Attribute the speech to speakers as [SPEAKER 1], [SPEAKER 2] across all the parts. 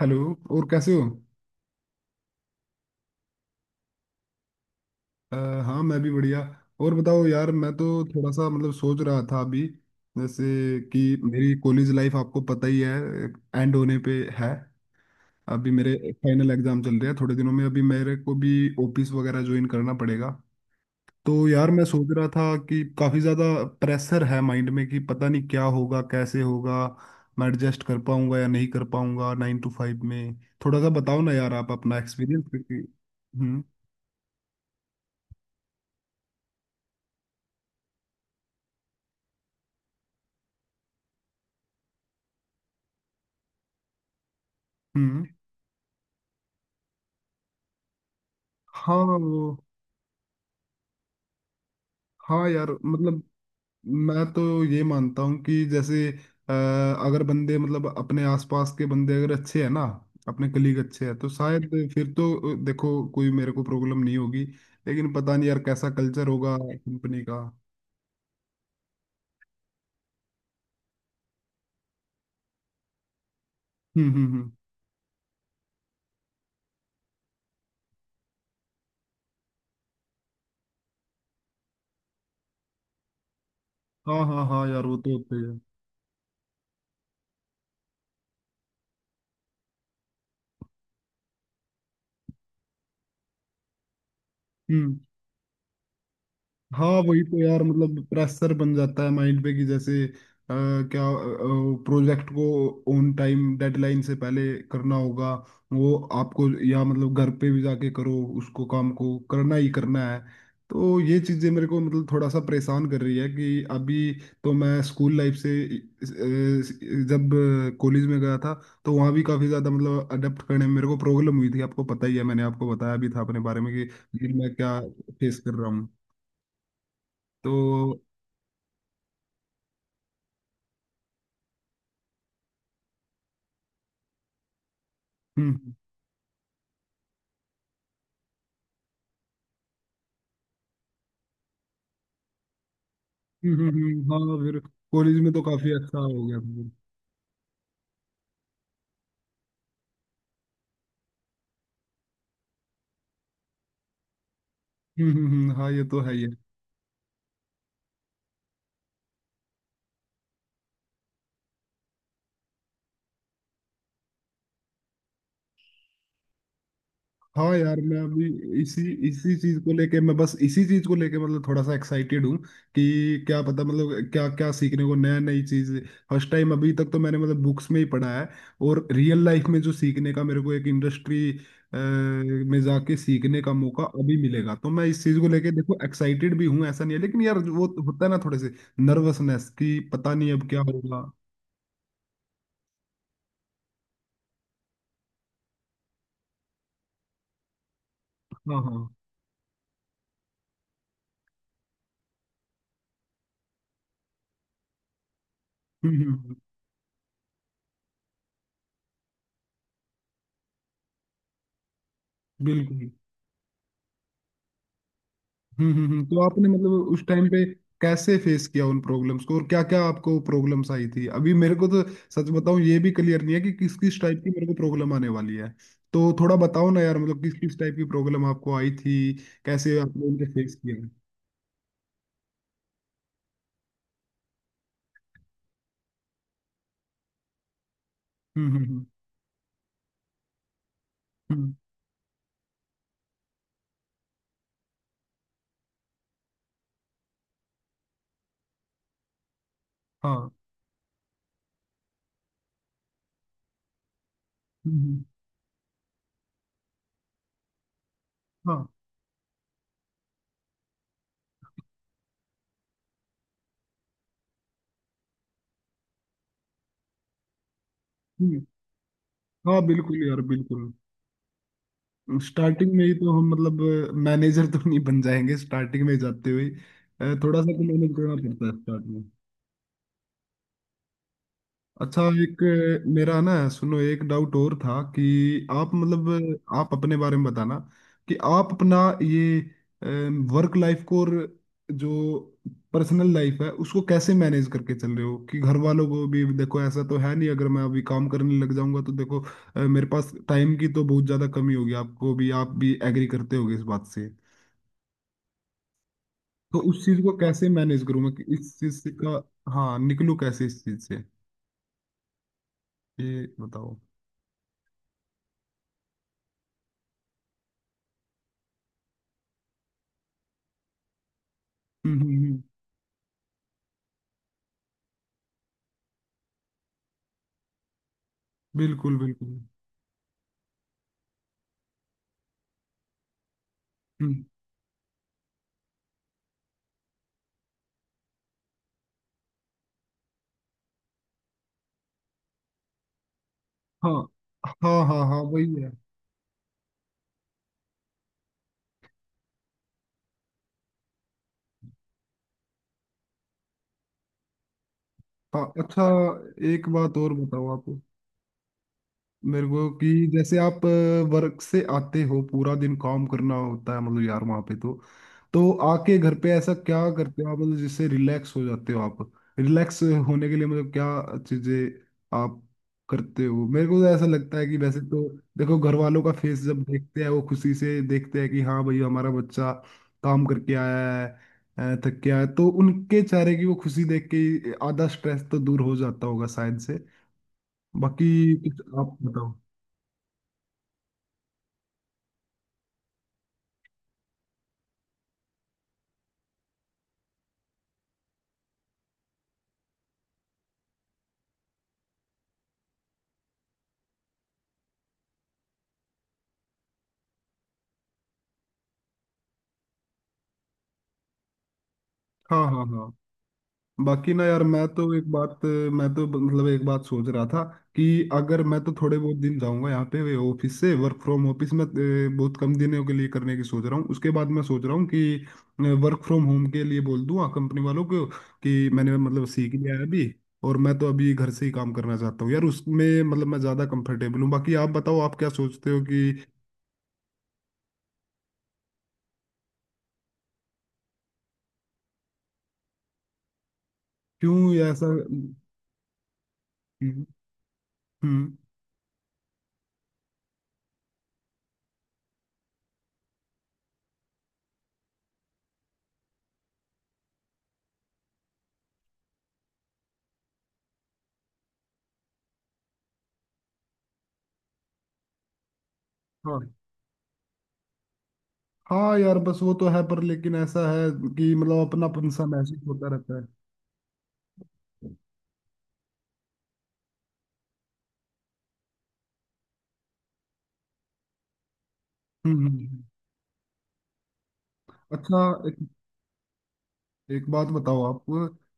[SPEAKER 1] Hello. और कैसे हो। हाँ मैं भी बढ़िया। और बताओ यार, मैं तो थोड़ा सा मतलब सोच रहा था अभी। जैसे कि मेरी कॉलेज लाइफ आपको पता ही है। एंड होने पे है। अभी मेरे फाइनल एग्जाम चल रहे हैं। थोड़े दिनों में अभी मेरे को भी ऑफिस वगैरह ज्वाइन करना पड़ेगा। तो यार, मैं सोच रहा था कि काफ़ी ज़्यादा प्रेशर है माइंड में कि पता नहीं क्या होगा, कैसे होगा, मैं एडजस्ट कर पाऊंगा या नहीं कर पाऊंगा नाइन टू फाइव में। थोड़ा सा बताओ ना यार, आप अपना एक्सपीरियंस। हम्म। हम्म। हाँ वो। हाँ यार, मतलब मैं तो ये मानता हूँ कि जैसे अ, अगर बंदे, मतलब अपने आसपास के बंदे अगर अच्छे हैं ना, अपने कलीग अच्छे हैं, तो शायद फिर तो देखो कोई मेरे को प्रॉब्लम नहीं होगी। लेकिन पता नहीं यार, कैसा कल्चर होगा कंपनी का। हम्म। हम्म। हम्म। हाँ हाँ हाँ यार, वो तो होते ही है। हम्म। हाँ वही तो यार, मतलब प्रेशर बन जाता है माइंड पे कि जैसे क्या प्रोजेक्ट को ऑन टाइम, डेडलाइन से पहले करना होगा। वो आपको, या मतलब घर पे भी जाके करो, उसको काम को करना ही करना है। तो ये चीज़ें मेरे को मतलब थोड़ा सा परेशान कर रही है कि अभी तो मैं स्कूल लाइफ से जब कॉलेज में गया था, तो वहाँ भी काफ़ी ज़्यादा मतलब अडेप्ट करने में मेरे को प्रॉब्लम हुई थी। आपको पता ही है, मैंने आपको बताया भी था अपने बारे में कि मैं क्या फेस कर रहा हूँ। तो। हम्म। हम्म। हाँ फिर कॉलेज में तो काफी अच्छा हो गया था। हम्म। हम्म। हाँ ये तो है ही है। हाँ यार, मैं अभी इसी इसी चीज को लेके, मैं बस इसी चीज को लेके मतलब थोड़ा सा एक्साइटेड हूँ कि क्या पता, मतलब क्या क्या सीखने को, नया नई चीज। फर्स्ट टाइम अभी तक तो मैंने मतलब बुक्स में ही पढ़ा है, और रियल लाइफ में जो सीखने का मेरे को, एक इंडस्ट्री में जाके सीखने का मौका अभी मिलेगा, तो मैं इस चीज को लेके देखो एक्साइटेड भी हूँ, ऐसा नहीं है। लेकिन यार, वो होता है ना थोड़े से नर्वसनेस कि पता नहीं अब क्या होगा। हाँ हाँ। हम्म। बिल्कुल। हम्म। हम्म। तो आपने मतलब उस टाइम पे कैसे फेस किया उन प्रॉब्लम्स को, और क्या क्या आपको प्रॉब्लम्स आई थी। अभी मेरे को तो सच बताऊं, ये भी क्लियर नहीं है कि किस किस टाइप की मेरे को प्रॉब्लम आने वाली है। तो थोड़ा बताओ ना यार, मतलब किस किस टाइप की प्रॉब्लम आपको आई थी, कैसे आपने उनके फेस किया। हम्म। हम्म। हम्म। हम्म, हाँ। हम्म। हाँ। हम्म, हाँ बिल्कुल यार, बिल्कुल। स्टार्टिंग में ही तो हम मतलब मैनेजर तो नहीं बन जाएंगे स्टार्टिंग में जाते हुए। थोड़ा सा तो मैनेज करना पड़ता है स्टार्ट में। अच्छा एक मेरा ना सुनो, एक डाउट और था कि आप मतलब आप अपने बारे में बताना कि आप अपना ये वर्क लाइफ को, और जो पर्सनल लाइफ है उसको कैसे मैनेज करके चल रहे हो। कि घर वालों को भी देखो, ऐसा तो है नहीं, अगर मैं अभी काम करने लग जाऊंगा तो देखो मेरे पास टाइम की तो बहुत ज़्यादा कमी होगी। आपको भी आप भी एग्री करते होगे इस बात से। तो उस चीज़ को कैसे मैनेज करूँ मैं कि इस चीज़ से का, हाँ निकलूँ कैसे इस चीज़ से, ये बताओ। हम्म। बिल्कुल बिल्कुल। हम्म। हाँ हाँ हाँ, हाँ वही है। हाँ अच्छा, एक बात और बताओ आप मेरे को कि जैसे आप वर्क से आते हो, पूरा दिन काम करना होता है मतलब यार वहां पे तो आके घर पे ऐसा क्या करते हो आप, मतलब जिससे रिलैक्स हो जाते हो आप। रिलैक्स होने के लिए मतलब क्या चीजें आप करते हो। मेरे को तो ऐसा लगता है कि वैसे तो देखो, घर वालों का फेस जब देखते हैं, वो खुशी से देखते हैं कि हाँ भाई, हमारा बच्चा काम करके आया है, थक के आया है, तो उनके चेहरे की वो खुशी देख के ही आधा स्ट्रेस तो दूर हो जाता होगा शायद से। बाकी कुछ आप बताओ। हाँ हाँ हाँ, बाकी ना यार, मैं तो मतलब एक बात सोच रहा था कि अगर मैं तो थोड़े बहुत दिन जाऊंगा यहाँ पे, ऑफिस से वर्क फ्रॉम ऑफिस में बहुत कम दिनों के लिए करने की सोच रहा हूँ। उसके बाद मैं सोच रहा हूँ कि वर्क फ्रॉम होम के लिए बोल दूँ कंपनी वालों को कि मैंने मतलब सीख लिया है अभी, और मैं तो अभी घर से ही काम करना चाहता हूँ यार, उसमें मतलब मैं ज़्यादा कंफर्टेबल हूँ। बाकी आप बताओ, आप क्या सोचते हो कि क्यों ऐसा। हम्म। हम्म, हाँ यार बस, वो तो है पर, लेकिन ऐसा है कि मतलब अपनापन सा महसूस होता रहता है। हम्म। हम्म। हम्म। अच्छा एक बात बताओ आप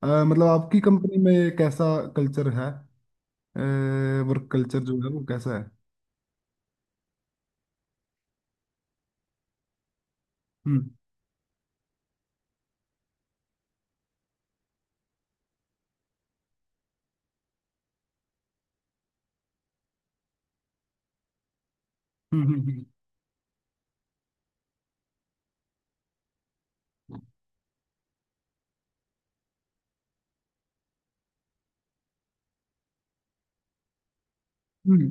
[SPEAKER 1] मतलब आपकी कंपनी में कैसा कल्चर है। वर्क कल्चर जो है वो कैसा है। हम्म। हम्म। हम्म। हम्म। हम्म।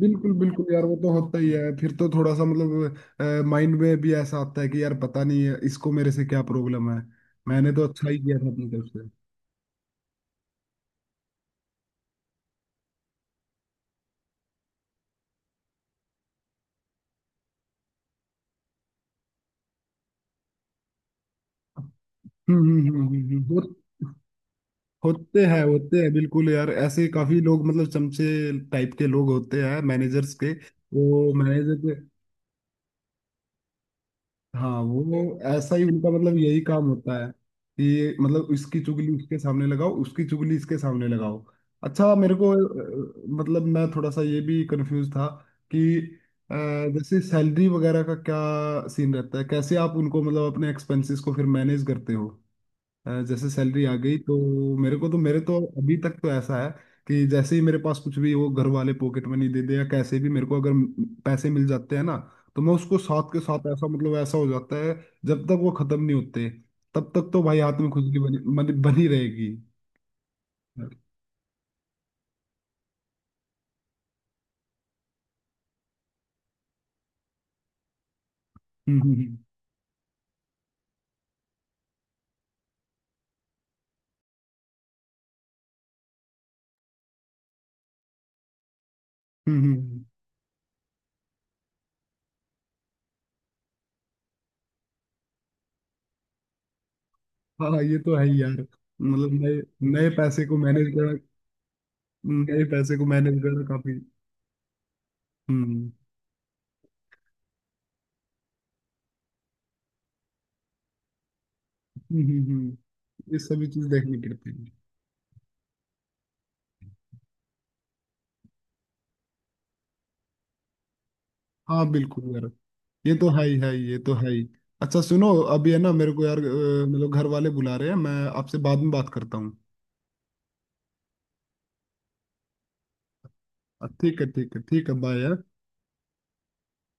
[SPEAKER 1] बिल्कुल बिल्कुल यार, वो तो होता ही है। फिर तो थोड़ा सा मतलब माइंड में भी ऐसा आता है कि यार पता नहीं है इसको मेरे से क्या प्रॉब्लम है, मैंने तो अच्छा ही किया था अपनी तरफ से। हम्म। हम्म। हम्म। होते हैं बिल्कुल यार, ऐसे काफी लोग मतलब चमचे टाइप के लोग होते हैं मैनेजर्स के। वो मैनेजर के। हाँ, वो ऐसा ही उनका मतलब यही काम होता है कि मतलब इसकी चुगली उसके सामने लगाओ, उसकी चुगली इसके सामने लगाओ। अच्छा मेरे को मतलब मैं थोड़ा सा ये भी कंफ्यूज था कि अ, जैसे सैलरी वगैरह का क्या सीन रहता है, कैसे आप उनको मतलब अपने एक्सपेंसेस को फिर मैनेज करते हो। जैसे सैलरी आ गई तो, मेरे तो अभी तक तो ऐसा है कि जैसे ही मेरे पास कुछ भी वो, घर वाले पॉकेट मनी दे दे या कैसे भी मेरे को अगर पैसे मिल जाते हैं ना, तो मैं उसको साथ के साथ ऐसा, मतलब ऐसा हो जाता है। जब तक वो खत्म नहीं होते, तब तक तो भाई हाथ में खुजली बनी बनी बनी रहेगी। हम्म। हम्म। हम्म, हम्म। हाँ ये तो है ही यार, मतलब नए नए पैसे को मैनेज करना नए पैसे को मैनेज करना, काफी। हम्म। हम्म। हम्म। ये सभी चीज देखनी पड़ती है। हाँ बिल्कुल यार, ये तो है ही है, ये तो है ही। अच्छा सुनो, अभी है ना मेरे को यार मतलब घर वाले बुला रहे हैं, मैं आपसे बाद में बात करता हूँ। ठीक है ठीक है ठीक है, बाय यार।